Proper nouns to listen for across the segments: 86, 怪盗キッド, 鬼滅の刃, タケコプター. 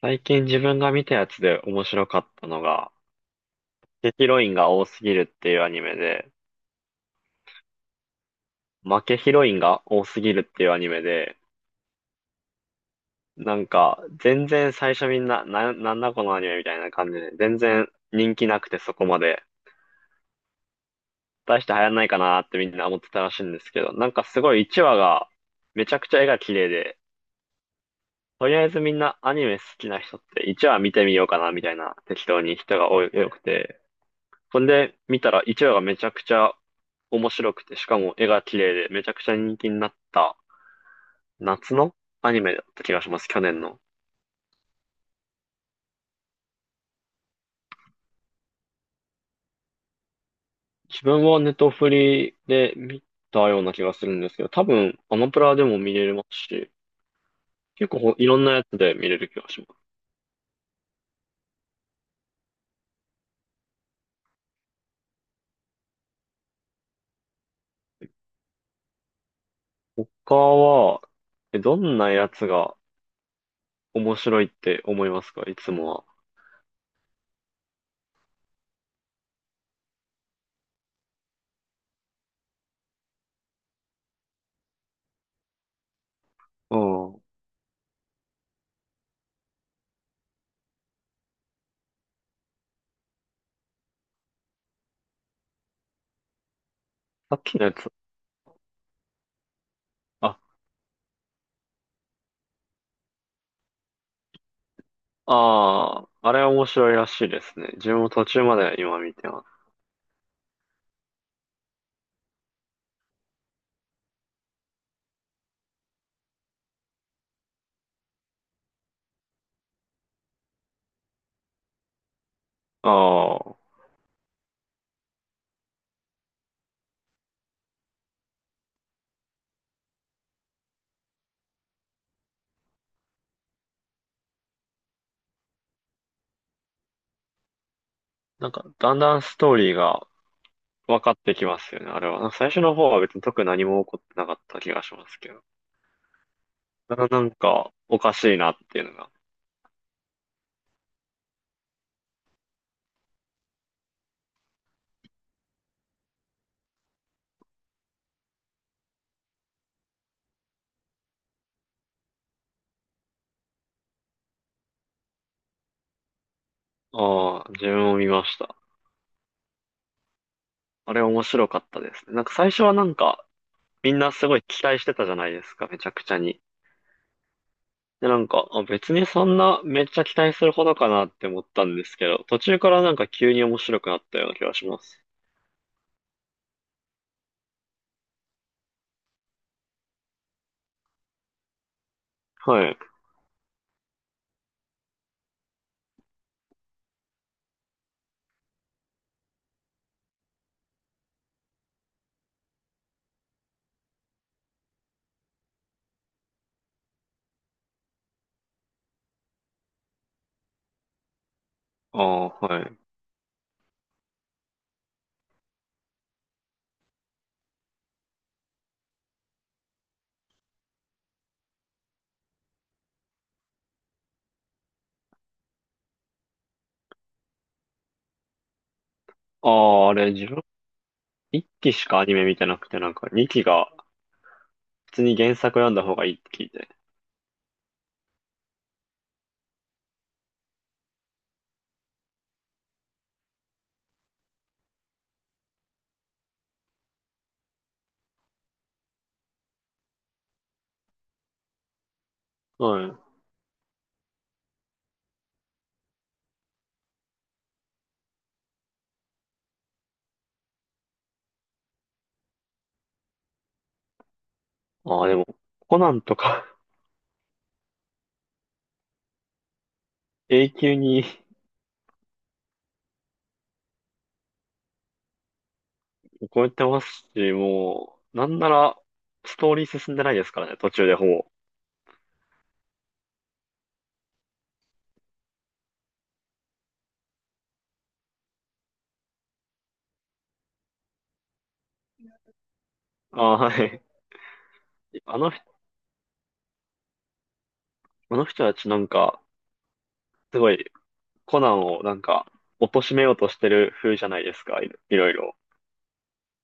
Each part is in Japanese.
最近自分が見たやつで面白かったのが、負けヒロインが多すぎるっていうアニメで、負けヒロインが多すぎるっていうアニメで、なんか、全然最初みんな、なんだこのアニメみたいな感じで、全然人気なくてそこまで、大して流行んないかなってみんな思ってたらしいんですけど、なんかすごい1話が、めちゃくちゃ絵が綺麗で、とりあえずみんなアニメ好きな人って1話見てみようかなみたいな適当に人が多くて、それで見たら1話がめちゃくちゃ面白くて、しかも絵が綺麗でめちゃくちゃ人気になった夏のアニメだった気がします、去年の。自分はネトフリで見たような気がするんですけど、多分アマプラでも見れますし、結構ほいろんなやつで見れる気がします。他は、どんなやつが面白いって思いますか、いつもは。うん。さっきのやつ。あ、ああ、あれは面白いらしいですね。自分も途中まで今見てます。ああ。なんか、だんだんストーリーが分かってきますよね、あれは。なんか最初の方は別に特に何も起こってなかった気がしますけど。だからなんか、おかしいなっていうのが。ああ、自分も見ました。あれ面白かったですね。なんか最初はなんか、みんなすごい期待してたじゃないですか、めちゃくちゃに。で、なんか、別にそんなめっちゃ期待するほどかなって思ったんですけど、途中からなんか急に面白くなったような気がします。はい。ああ、はい。ああ、あれ自分、1期しかアニメ見てなくて、なんか2期が普通に原作読んだ方がいいって聞いて。はい。ああ、でも、コナンとか 永久に超え てますし、もう、なんなら、ストーリー進んでないですからね、途中でほぼ。ああ、はい。あの、あの人たちなんか、すごい、コナンをなんか、貶めようとしてる風じゃないですか、いろいろいろ。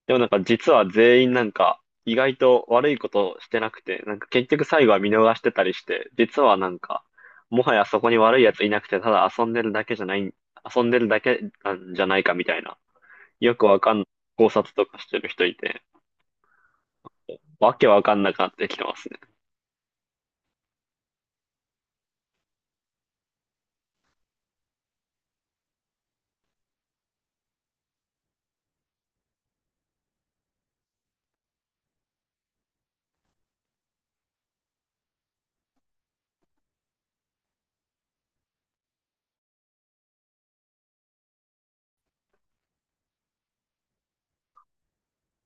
でもなんか実は全員なんか意外と悪いことしてなくて、なんか結局最後は見逃してたりして、実はなんか、もはやそこに悪い奴いなくて、ただ遊んでるだけじゃない、遊んでるだけなんじゃないかみたいな、よくわかん、考察とかしてる人いて、わけわかんなくなってきてますね。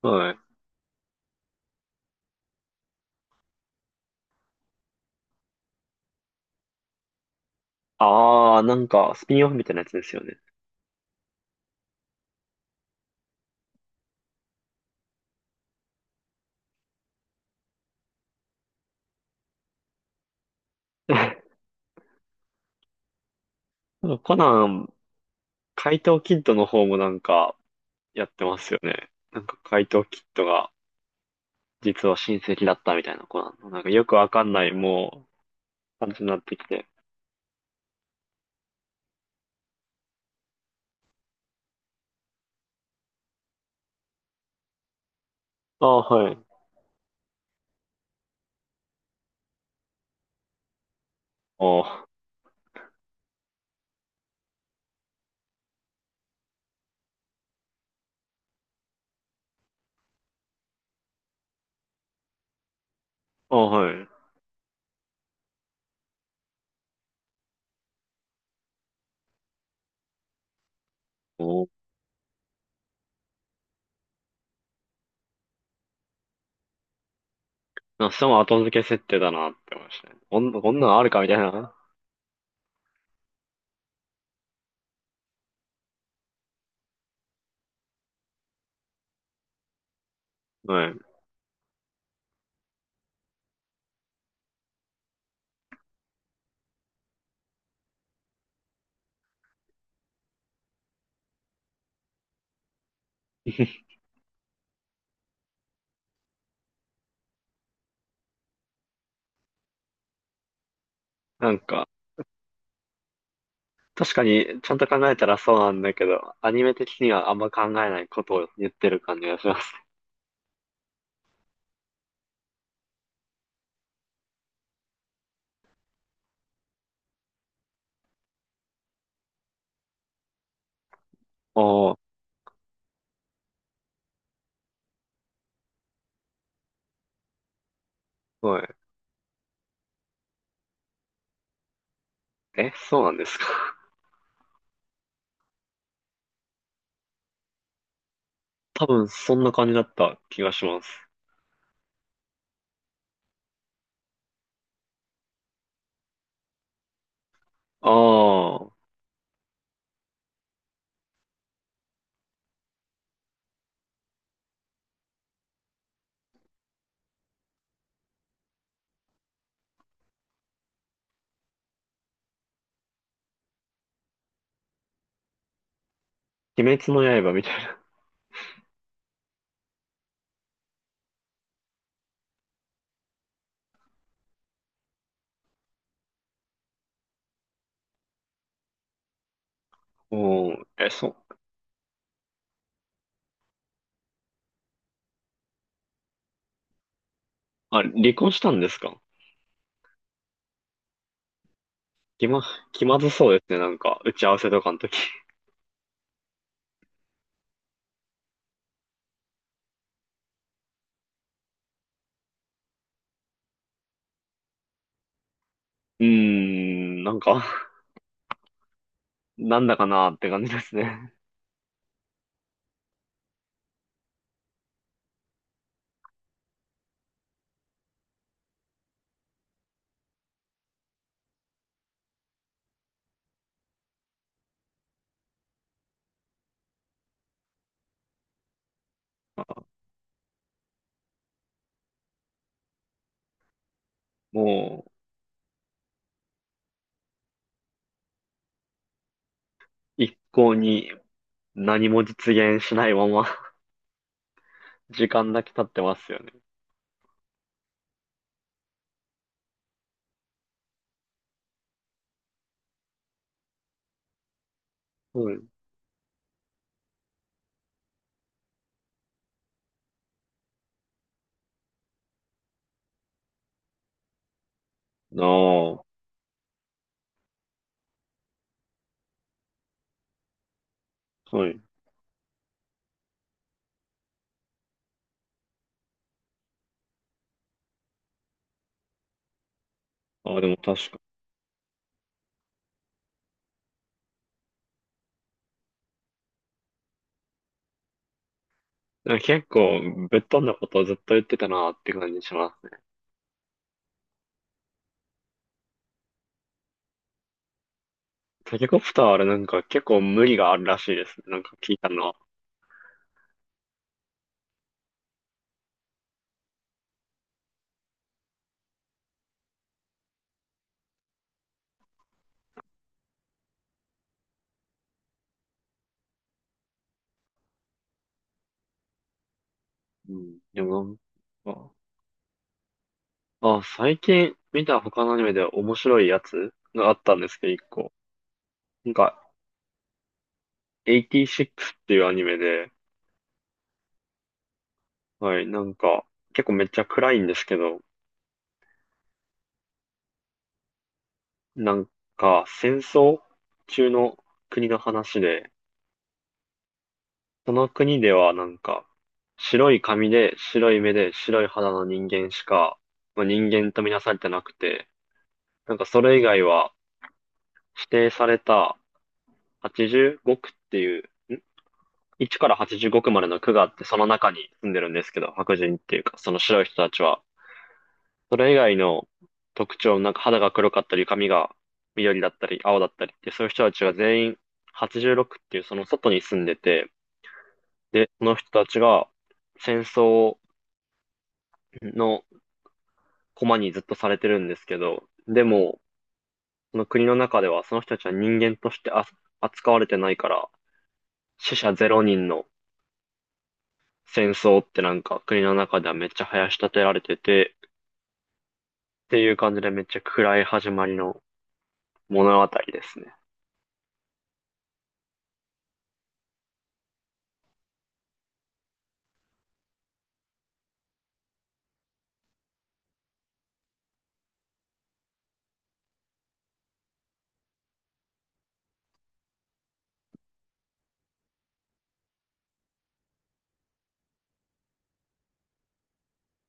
はい。あー、なんかスピンオフみたいなやつですよね。コナン、怪盗キッドの方もなんかやってますよね。なんか怪盗キッドが実は親戚だったみたいな子なの。なんかよくわかんない、もう、感じになってきて。ああ、はい。ああ、ああ、はい。おお。なんかそれも後付け設定だなって思いましたね。こんなのあるかみたいな。はい。なんか、確かに、ちゃんと考えたらそうなんだけど、アニメ的にはあんま考えないことを言ってる感じがします。ああ、はい。え、そうなんですか。多分、そんな感じだった気がします。ああ、鬼滅の刃みたいな。おお、え、そう。あ、離婚したんですか。気ま、気まずそうですね、なんか、打ち合わせとかの時。うーん、なんか、なんだかなーって感じですね。もう、一向に何も実現しないまま 時間だけ経ってますよね。はい。ああ、はい。ああ、でも確かに。結構、ぶっ飛んだことをずっと言ってたなーって感じしますね。タケコプターあれなんか結構無理があるらしいですね。なんか聞いたのは。うん。でもなんか最近見た他のアニメで面白いやつがあったんですけど、一個。なんか、86っていうアニメで、はい、なんか、結構めっちゃ暗いんですけど、なんか、戦争中の国の話で、その国ではなんか、白い髪で、白い目で、白い肌の人間しか、まあ、人間とみなされてなくて、なんかそれ以外は指定された85区っていう、1から85区までの区があって、その中に住んでるんですけど、白人っていうか、その白い人たちは、それ以外の特徴、なんか肌が黒かったり、髪が緑だったり、青だったりって、そういう人たちは全員86っていうその外に住んでて、で、その人たちが戦争の駒にずっとされてるんですけど、でも、その国の中ではその人たちは人間としてあ扱われてないから、死者ゼロ人の戦争ってなんか国の中ではめっちゃ囃し立てられてて、っていう感じでめっちゃ暗い始まりの物語ですね。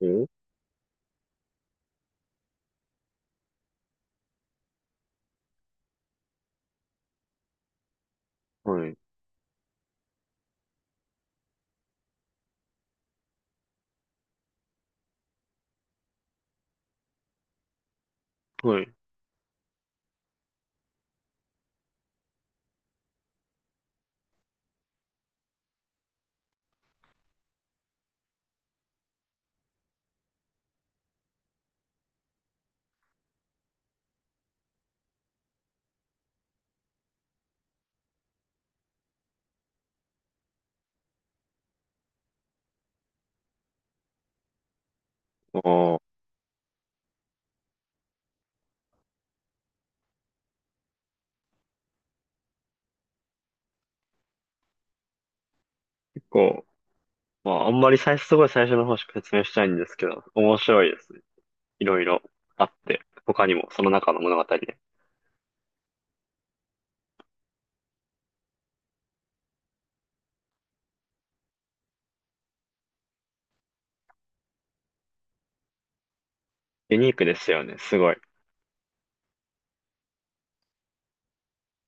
おはい。はい。ああ、結構、まああんまり最初、すごい最初の方しか説明したいんですけど、面白いですね。いろいろあって、他にもその中の物語で。ユニークですよね、すごい。